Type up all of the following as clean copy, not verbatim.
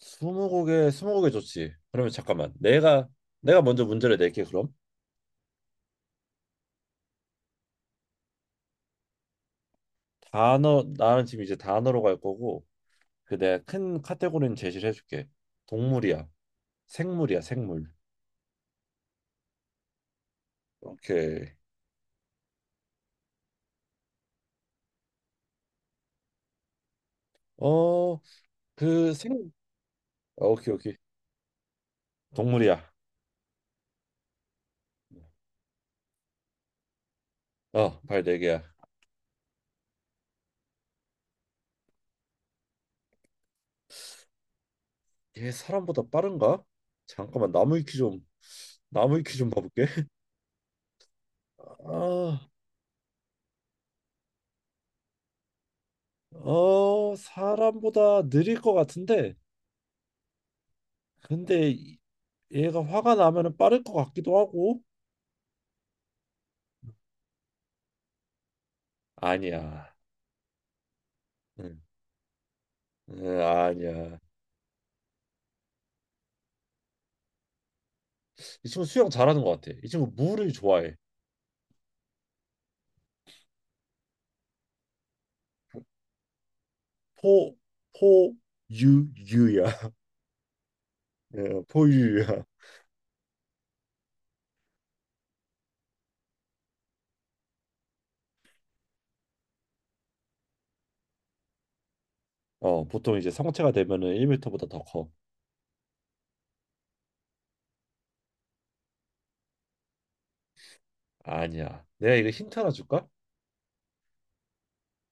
스무고개 스무고개 좋지. 그러면 잠깐만 내가 먼저 문제를 낼게 그럼. 단어, 나는 지금 이제 단어로 갈 거고 그 내가 큰 카테고리는 제시를 해줄게. 동물이야. 생물이야, 생물. 오케이. 어 그 생. 오케이, 오케이. 동물이야. 어발네 개야. 얘 사람보다 빠른가? 잠깐만, 나무 위키 좀 봐볼게. 아, 사람보다 느릴 것 같은데, 근데 이- 얘가 화가 나면은 빠를 것 같기도 하고. 아니야. 응. 응, 아니야. 이 친구 수영 잘하는 것 같아. 이 친구 물을 좋아해. 포, 포, 유야. 예, 포유야. 보통 이제 성체가 되면은 1m보다 더 커. 아니야. 내가 이거 힌트 하나 줄까?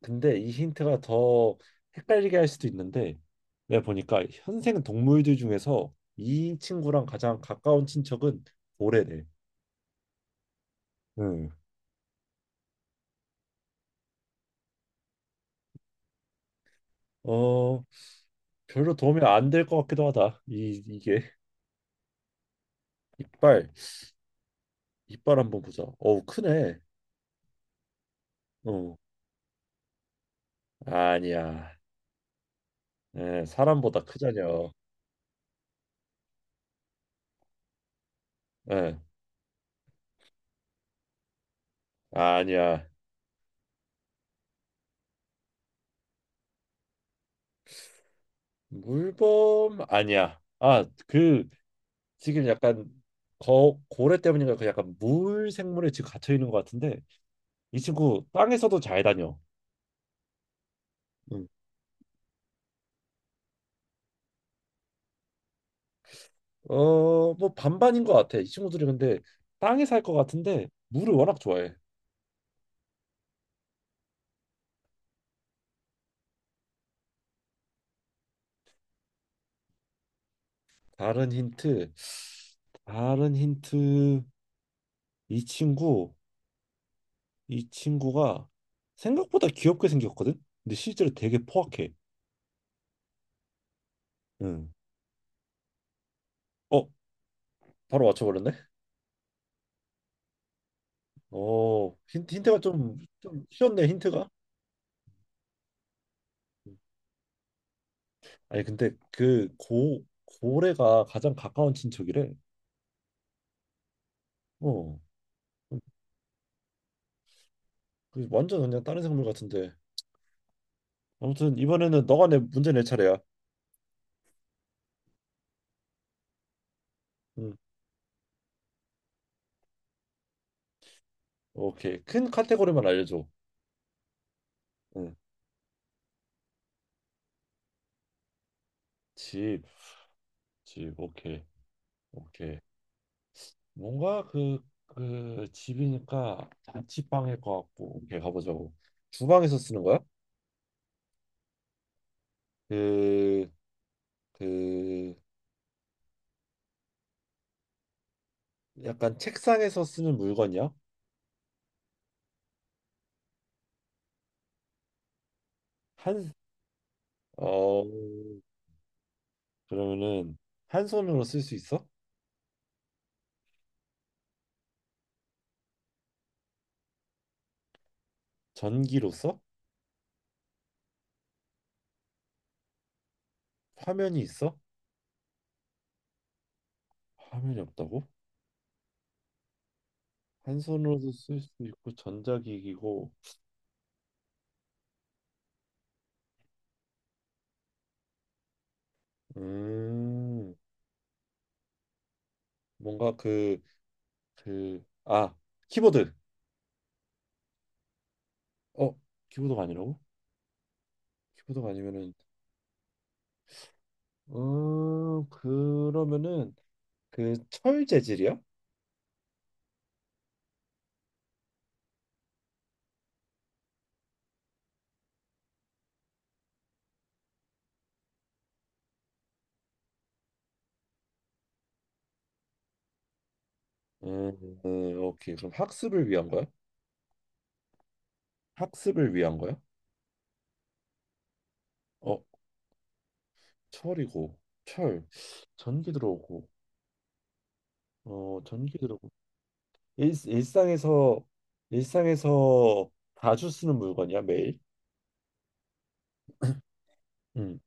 근데 이 힌트가 더 헷갈리게 할 수도 있는데, 내가 보니까 현생 동물들 중에서 이 친구랑 가장 가까운 친척은 고래래. 응. 어, 별로 도움이 안 될 것 같기도 하다. 이 이게 이빨 이빨 한번 보자. 어우, 크네. 어 아니야. 예, 사람보다 크자녀. 예, 아니야. 물범 아니야. 아 그, 지금 약간, 거 고래 때문인가 그 약간 물 생물에 지금 갇혀 있는 것 같은데. 이 친구 땅에서도 잘 다녀. 응. 어뭐 반반인 것 같아. 이 친구들이 근데 땅에 살 것 같은데 물을 워낙 좋아해. 다른 힌트 다른 힌트 이 친구, 이 친구가 생각보다 귀엽게 생겼거든? 근데 실제로 되게 포악해. 응. 어, 바로 맞춰버렸네? 힌트가 좀 쉬웠네, 힌트가. 아니, 근데 고래가 가장 가까운 친척이래. 어, 그 완전 그냥 다른 생물 같은데. 아무튼 이번에는 너가 내 문제 낼 차례야. 응. 오케이. 큰 카테고리만 알려줘. 응. 집, 집, 오케이. 오케이. 뭔가 그 집이니까 자취방일 것 같고, 오케이 가보자고. 주방에서 쓰는 거야? 그, 그 약간 책상에서 쓰는 물건이야? 한, 어, 그러면은 한 손으로 쓸 수 있어? 전기로 써? 화면이 있어? 화면이 없다고? 한 손으로도 쓸 수 있고 전자기기고. 음 뭔가 그 아, 키보드. 어 키보드가 아니라고? 키보드가 아니면은... 그러면은 그 철 재질이요? 오케이. 그럼 학습을 위한 거야? 학습을 위한 거야? 어, 철이고 철 전기 들어오고. 어 전기 들어오고 일상에서 일상에서 자주 쓰는 물건이야, 매일? 음,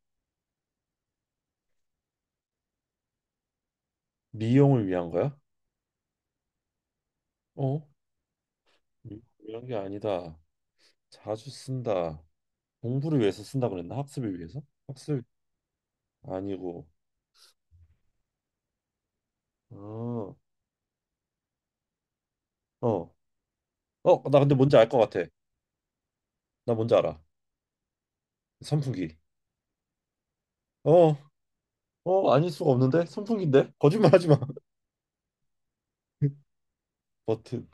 미용을 위한 거야? 어, 미용을 위한 게 아니다. 자주 쓴다. 공부를 위해서 쓴다고 그랬나? 학습을 위해서? 학습 아니고. 어, 어, 나 근데 뭔지 알 것 같아. 나 뭔지 알아. 선풍기. 어, 아닐 수가 없는데? 선풍기인데? 거짓말 하지 마. 버튼,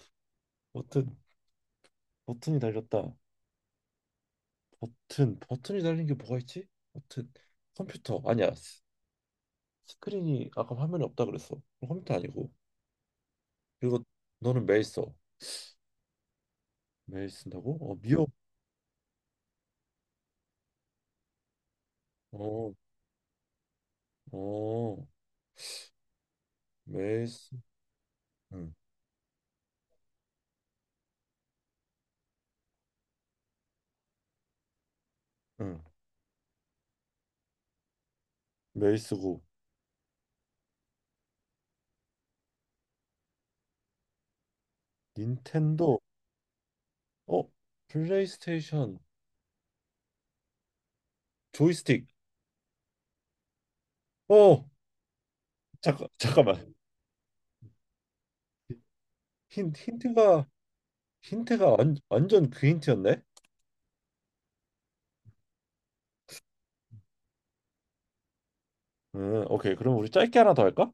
버튼, 버튼이 달렸다. 버튼이 달린 게 뭐가 있지? 버튼, 컴퓨터. 아니야. 스크린이 아까 화면에 없다 그랬어. 그럼 컴퓨터 아니고. 그리고 너는 메일 써. 메일 쓴다고? 미역. 어, 어, 메일 쓰. 응, 응. 메일 쓰고. 닌텐도. 어, 플레이스테이션. 조이스틱. 어, 잠깐만. 힌, 힌트가 힌트가 완전 그 힌트였네. 오케이. 그럼 우리 짧게 하나 더 할까?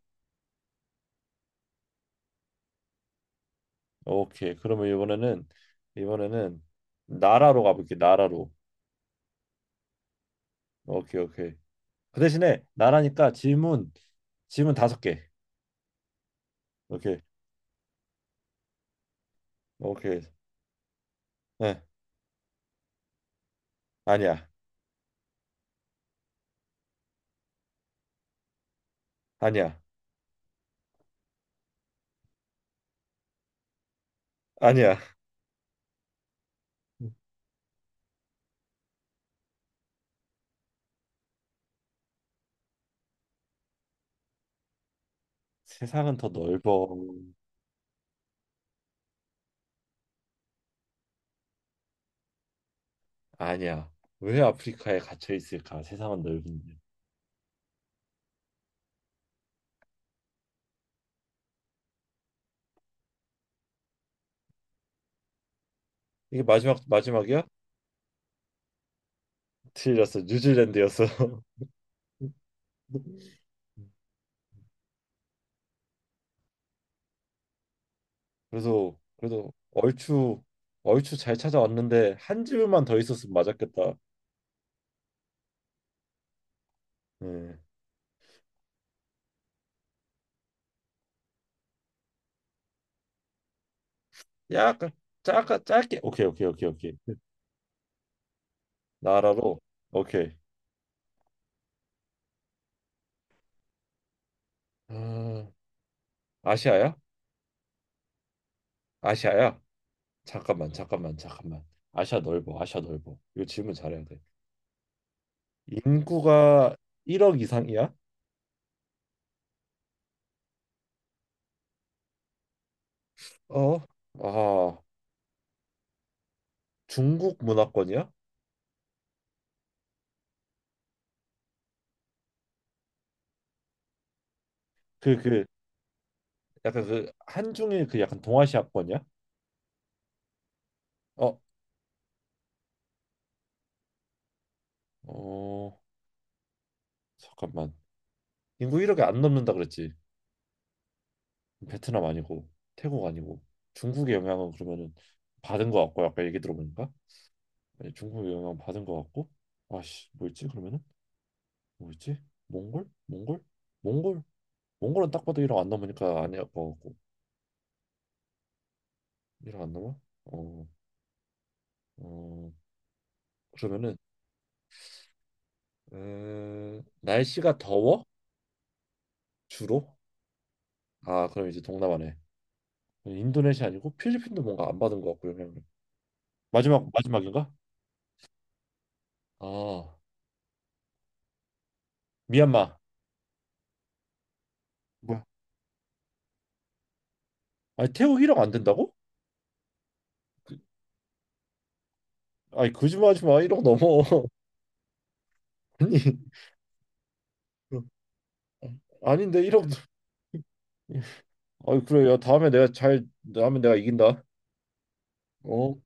오케이. 그러면 이번에는 나라로 가볼게. 나라로. 오케이, 오케이. 그 대신에 나라니까 질문 다섯 개. 오케이, 오케이. 네. 아니야, 아니야, 아니야. 세상은 더 넓어. 아니야. 왜 아프리카에 갇혀 있을까? 세상은 넓은데. 이게 마지막이야? 틀렸어. 뉴질랜드였어. 그래서 그래도 얼추 잘 찾아왔는데 한 집만 더 있었으면 맞았겠다. 음, 약간, 짧게 짧게 오케이 오케이 오케이 오케이. 나라로. 오케이. 아, 아시아야? 아시아야? 잠깐만, 잠깐만, 잠깐만. 아시아 넓어, 아시아 넓어. 이거 질문 잘해야 돼. 인구가 1억 이상이야? 어? 아, 중국 문화권이야? 그 약간 그 한중의 그 약간 동아시아권이야? 어? 어 잠깐만. 인구 1억이 안 넘는다 그랬지. 베트남 아니고, 태국 아니고, 중국의 영향은 그러면은 받은 것 같고, 아까 얘기 들어보니까 예, 중국의 영향 받은 것 같고. 아씨, 뭐였지 그러면은. 뭐였지. 몽골 몽골 몽골 몽골은 딱 봐도 1억 안 넘으니까 아니야 것 같고, 1억 안 넘어. 어, 어 그러면은, 날씨가 더워, 주로? 아, 그럼 이제 동남아네. 인도네시아 아니고 필리핀도 뭔가 안 받은 것 같고, 영향을. 마지막인가. 아, 미얀마. 뭐야? 아니, 태국 1억 안 된다고? 그- 아니, 거짓말하지 마, 1억 넘어. 아니. 아닌데, 1억. 아니, 그래요, 다음에 내가 잘. 다음에 내가 이긴다. 어